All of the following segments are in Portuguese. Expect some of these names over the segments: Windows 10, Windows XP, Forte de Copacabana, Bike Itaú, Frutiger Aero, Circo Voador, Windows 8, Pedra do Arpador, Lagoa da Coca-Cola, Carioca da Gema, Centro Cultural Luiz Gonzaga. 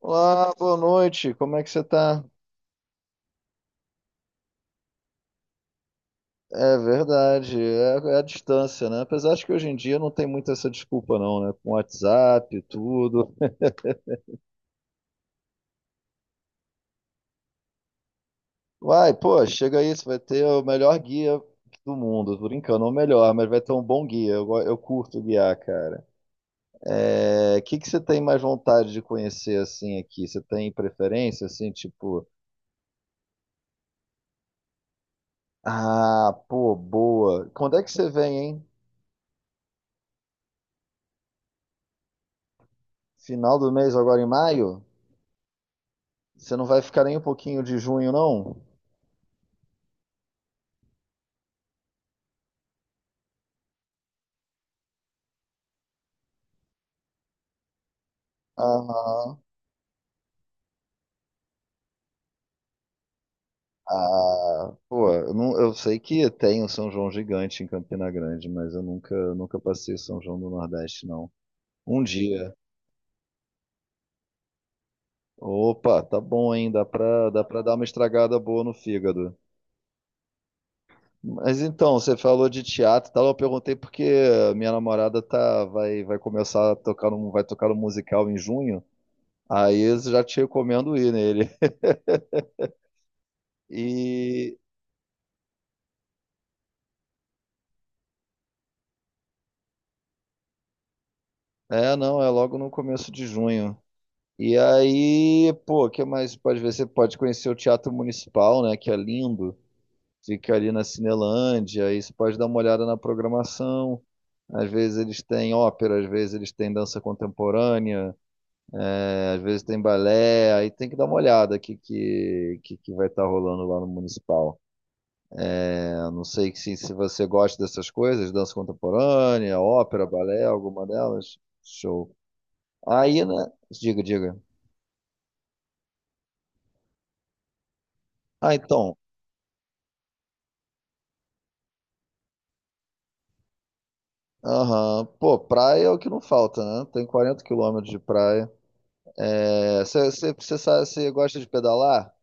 Olá, boa noite. Como é que você tá? É verdade, é a distância, né? Apesar de que hoje em dia não tem muito essa desculpa, não, né? Com WhatsApp, e tudo. Vai, pô, chega aí, você vai ter o melhor guia do mundo. Tô brincando, ou melhor, mas vai ter um bom guia. Eu curto guiar, cara. É, que você tem mais vontade de conhecer, assim, aqui? Você tem preferência, assim, tipo... Ah, pô, boa. Quando é que você vem, hein? Final do mês, agora em maio? Você não vai ficar nem um pouquinho de junho, não? Aham. Ah, pô, eu, não, eu sei que tem o São João gigante em Campina Grande, mas eu nunca passei o São João do Nordeste, não. Um dia. Opa, tá bom, hein? Dá pra dar uma estragada boa no fígado. Mas então, você falou de teatro e tal, eu perguntei porque minha namorada vai começar a tocar um, vai tocar um musical em junho, aí eu já te recomendo ir nele. E É, não, é logo no começo de junho. E aí, pô, o que mais pode ver? Você pode conhecer o Teatro Municipal, né? Que é lindo. Fica ali na Cinelândia. Aí você pode dar uma olhada na programação. Às vezes eles têm ópera, às vezes eles têm dança contemporânea, é, às vezes tem balé. Aí tem que dar uma olhada o que que vai estar rolando lá no Municipal. É, não sei se você gosta dessas coisas, dança contemporânea, ópera, balé, alguma delas. Show. Aí, né? Diga, diga. Ah, então. Aham. Pô, praia é o que não falta, né? Tem 40 km de praia. Você gosta de pedalar?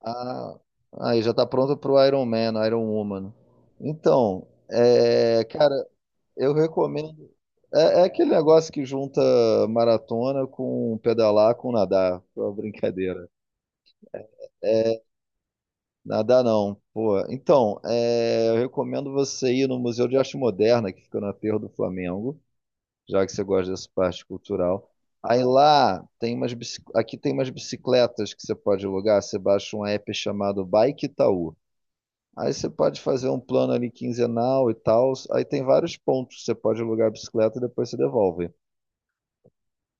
Ah, aí já tá pronto pro Iron Man, Iron Woman. Então, é, cara, eu recomendo. É aquele negócio que junta maratona com pedalar com nadar. Foi uma brincadeira. Nadar não, pô. Então, é, eu recomendo você ir no Museu de Arte Moderna, que fica no Aterro do Flamengo. Já que você gosta dessa parte cultural. Aí lá tem umas bici- aqui tem umas bicicletas que você pode alugar, você baixa um app chamado Bike Itaú. Aí você pode fazer um plano ali quinzenal e tal. Aí tem vários pontos. Você pode alugar a bicicleta e depois você devolve.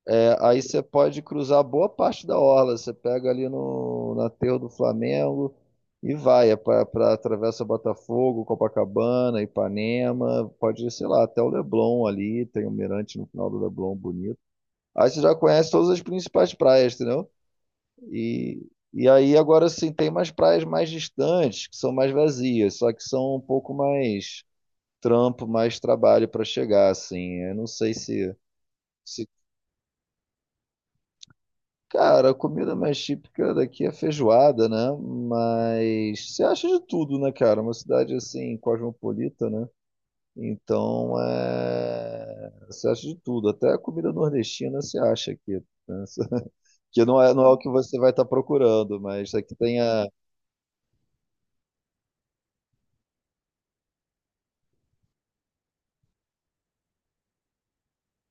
É, aí você pode cruzar boa parte da orla. Você pega ali no aterro do Flamengo e vai. Atravessa Botafogo, Copacabana, Ipanema. Pode ir, sei lá, até o Leblon ali. Tem um mirante no final do Leblon bonito. Aí você já conhece todas as principais praias, entendeu? E, e aí agora sim tem mais praias mais distantes, que são mais vazias, só que são um pouco mais trampo, mais trabalho para chegar, assim. Eu não sei se, se. Cara, a comida mais típica daqui é feijoada, né? Mas você acha de tudo, né, cara? Uma cidade assim, cosmopolita, né? Então, você acha de tudo, até a comida nordestina você acha aqui. Né? Que não é o que você vai estar procurando, mas aqui tem a.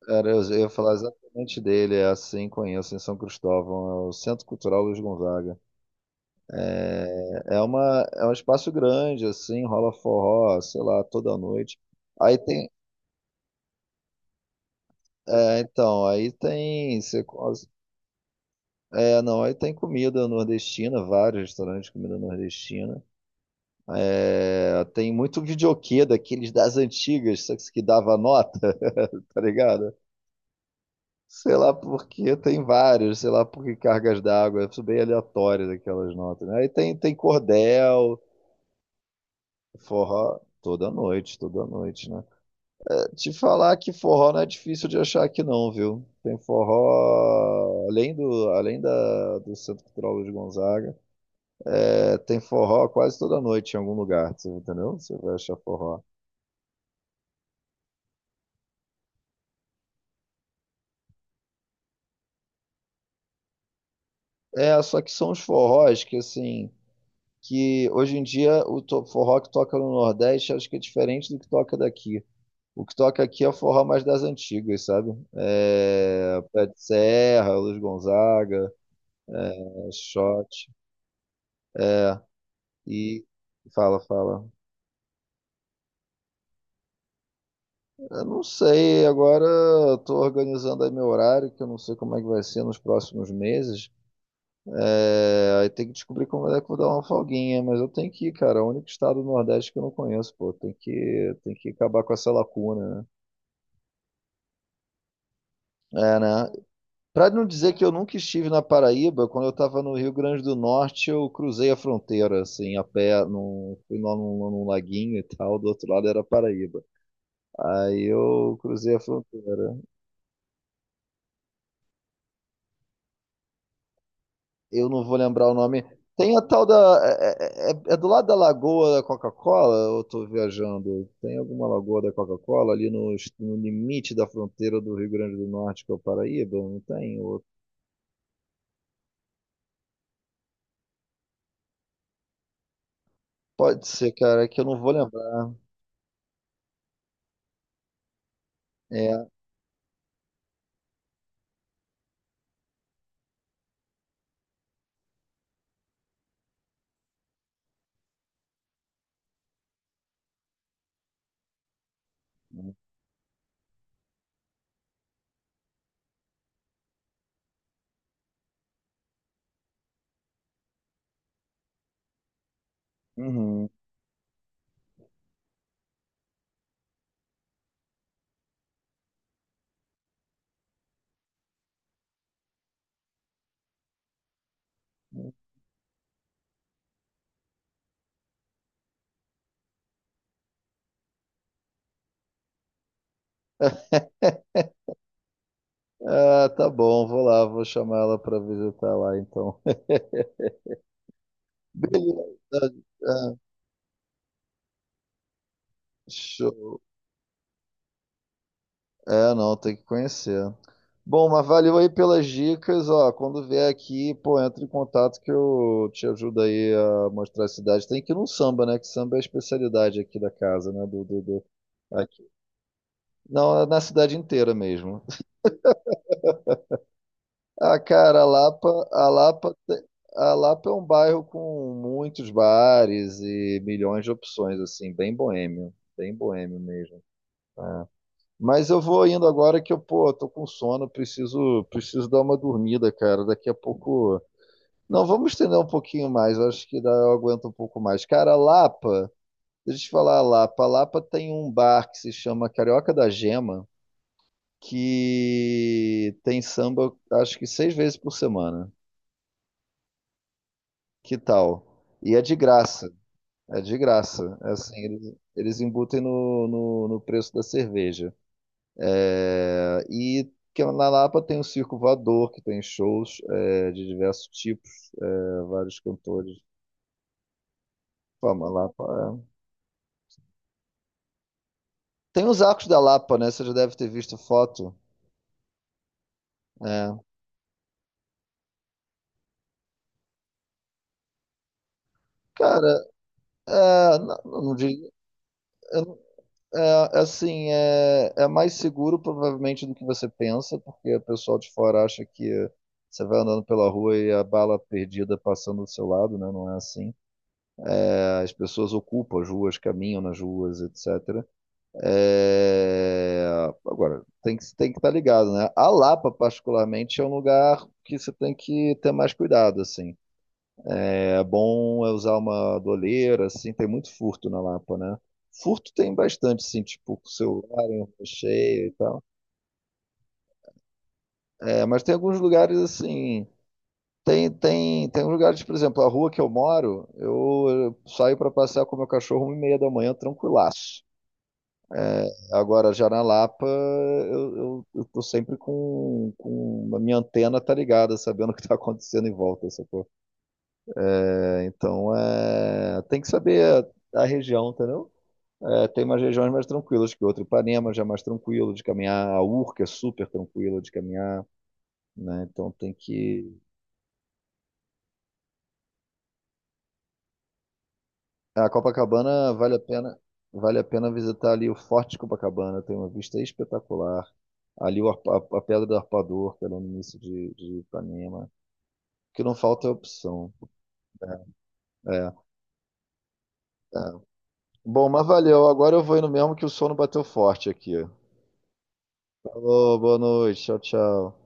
Era, eu ia falar exatamente dele, é assim conheço em São Cristóvão, é o Centro Cultural Luiz Gonzaga. É um espaço grande, assim, rola forró, sei lá, toda noite. Aí tem. É, então, aí tem. Você É, não, aí tem comida nordestina, vários restaurantes de comida nordestina. É, tem muito videokê daqueles das antigas, só que dava nota, tá ligado? Sei lá porque tem vários sei lá porque cargas d'água, isso bem aleatório daquelas notas, né? Aí tem cordel, forró, toda noite, né? É, te falar que forró não é difícil de achar aqui não, viu? Tem forró, além da, do Centro Cultural de Gonzaga, é, tem forró quase toda noite em algum lugar, você entendeu? Você vai achar forró. É, só que são os forrós que, assim, que hoje em dia forró que toca no Nordeste acho que é diferente do que toca daqui. O que toca aqui é o forró mais das antigas, sabe? Pé de Serra, Luiz Gonzaga, Shot. E fala, fala. Eu não sei, agora estou organizando aí meu horário, que eu não sei como é que vai ser nos próximos meses. Aí tem que descobrir como é que eu vou dar uma folguinha, mas eu tenho que ir, cara. É o único estado do Nordeste que eu não conheço, pô. Tem que acabar com essa lacuna, né? É, né? Para não dizer que eu nunca estive na Paraíba, quando eu estava no Rio Grande do Norte, eu cruzei a fronteira, assim, a pé, fui lá num laguinho e tal, do outro lado era Paraíba. Aí eu cruzei a fronteira. Eu não vou lembrar o nome. Tem a tal da. É do lado da Lagoa da Coca-Cola, ou eu estou viajando? Tem alguma Lagoa da Coca-Cola ali no limite da fronteira do Rio Grande do Norte com a Paraíba? Não tem? Ou- Pode ser, cara, é que eu não vou lembrar. É. Uhum. Ah, tá bom, vou lá, vou chamar ela para visitar lá então. Beleza. É, show. É, não, tem que conhecer. Bom, mas valeu aí pelas dicas, ó. Quando vier aqui, pô, entra em contato que eu te ajudo aí a mostrar a cidade. Tem que ir no samba, né? Que samba é a especialidade aqui da casa, né? Aqui. Não, é na cidade inteira mesmo. Ah, cara, a Lapa é um bairro com muitos bares e milhões de opções, assim, bem boêmio mesmo. Mas eu vou indo agora que eu, pô, tô com sono, preciso dar uma dormida, cara. Daqui a pouco. Não, vamos estender um pouquinho mais, eu acho que dá, eu aguento um pouco mais. Cara, a Lapa, deixa eu te falar, a Lapa. A Lapa tem um bar que se chama Carioca da Gema, que tem samba, acho que seis vezes por semana. Que tal? E é de graça. É de graça. É assim, eles embutem no preço da cerveja. É, e que na Lapa tem o Circo Voador, que tem shows de diversos tipos, vários cantores. Fama, Lapa, é. Tem os arcos da Lapa, né? Você já deve ter visto foto. É. Cara, não, é, assim, é mais seguro provavelmente do que você pensa, porque o pessoal de fora acha que você vai andando pela rua e a bala perdida passando do seu lado, né? Não é assim. As pessoas ocupam as ruas, caminham nas ruas, etc. É, Agora, tem que estar ligado, né? A Lapa, particularmente, é um lugar que você tem que ter mais cuidado, assim. É bom é usar uma doleira, assim, tem muito furto na Lapa, né? Furto tem bastante, assim, tipo, com celular em rua cheia e tal. É, mas tem alguns lugares, assim, tem uns lugares, por exemplo, a rua que eu moro, eu saio para passear com meu cachorro 1h30 da manhã, tranquilaço. É, agora, já na Lapa, eu tô sempre com a minha antena tá ligada, sabendo o que tá acontecendo em volta, sacou? É, então, é, tem que saber a região, entendeu? É, tem umas regiões mais tranquilas que outra. Ipanema já é mais tranquilo de caminhar, a Urca é super tranquila de caminhar, né? Então tem que. A Copacabana vale a pena visitar ali o Forte de Copacabana, tem uma vista espetacular. Ali a Pedra do Arpador, que é no início de Ipanema. O que não falta é opção. É, é. Bom, mas valeu. Agora eu vou indo mesmo que o sono bateu forte aqui. Falou, boa noite. Tchau, tchau.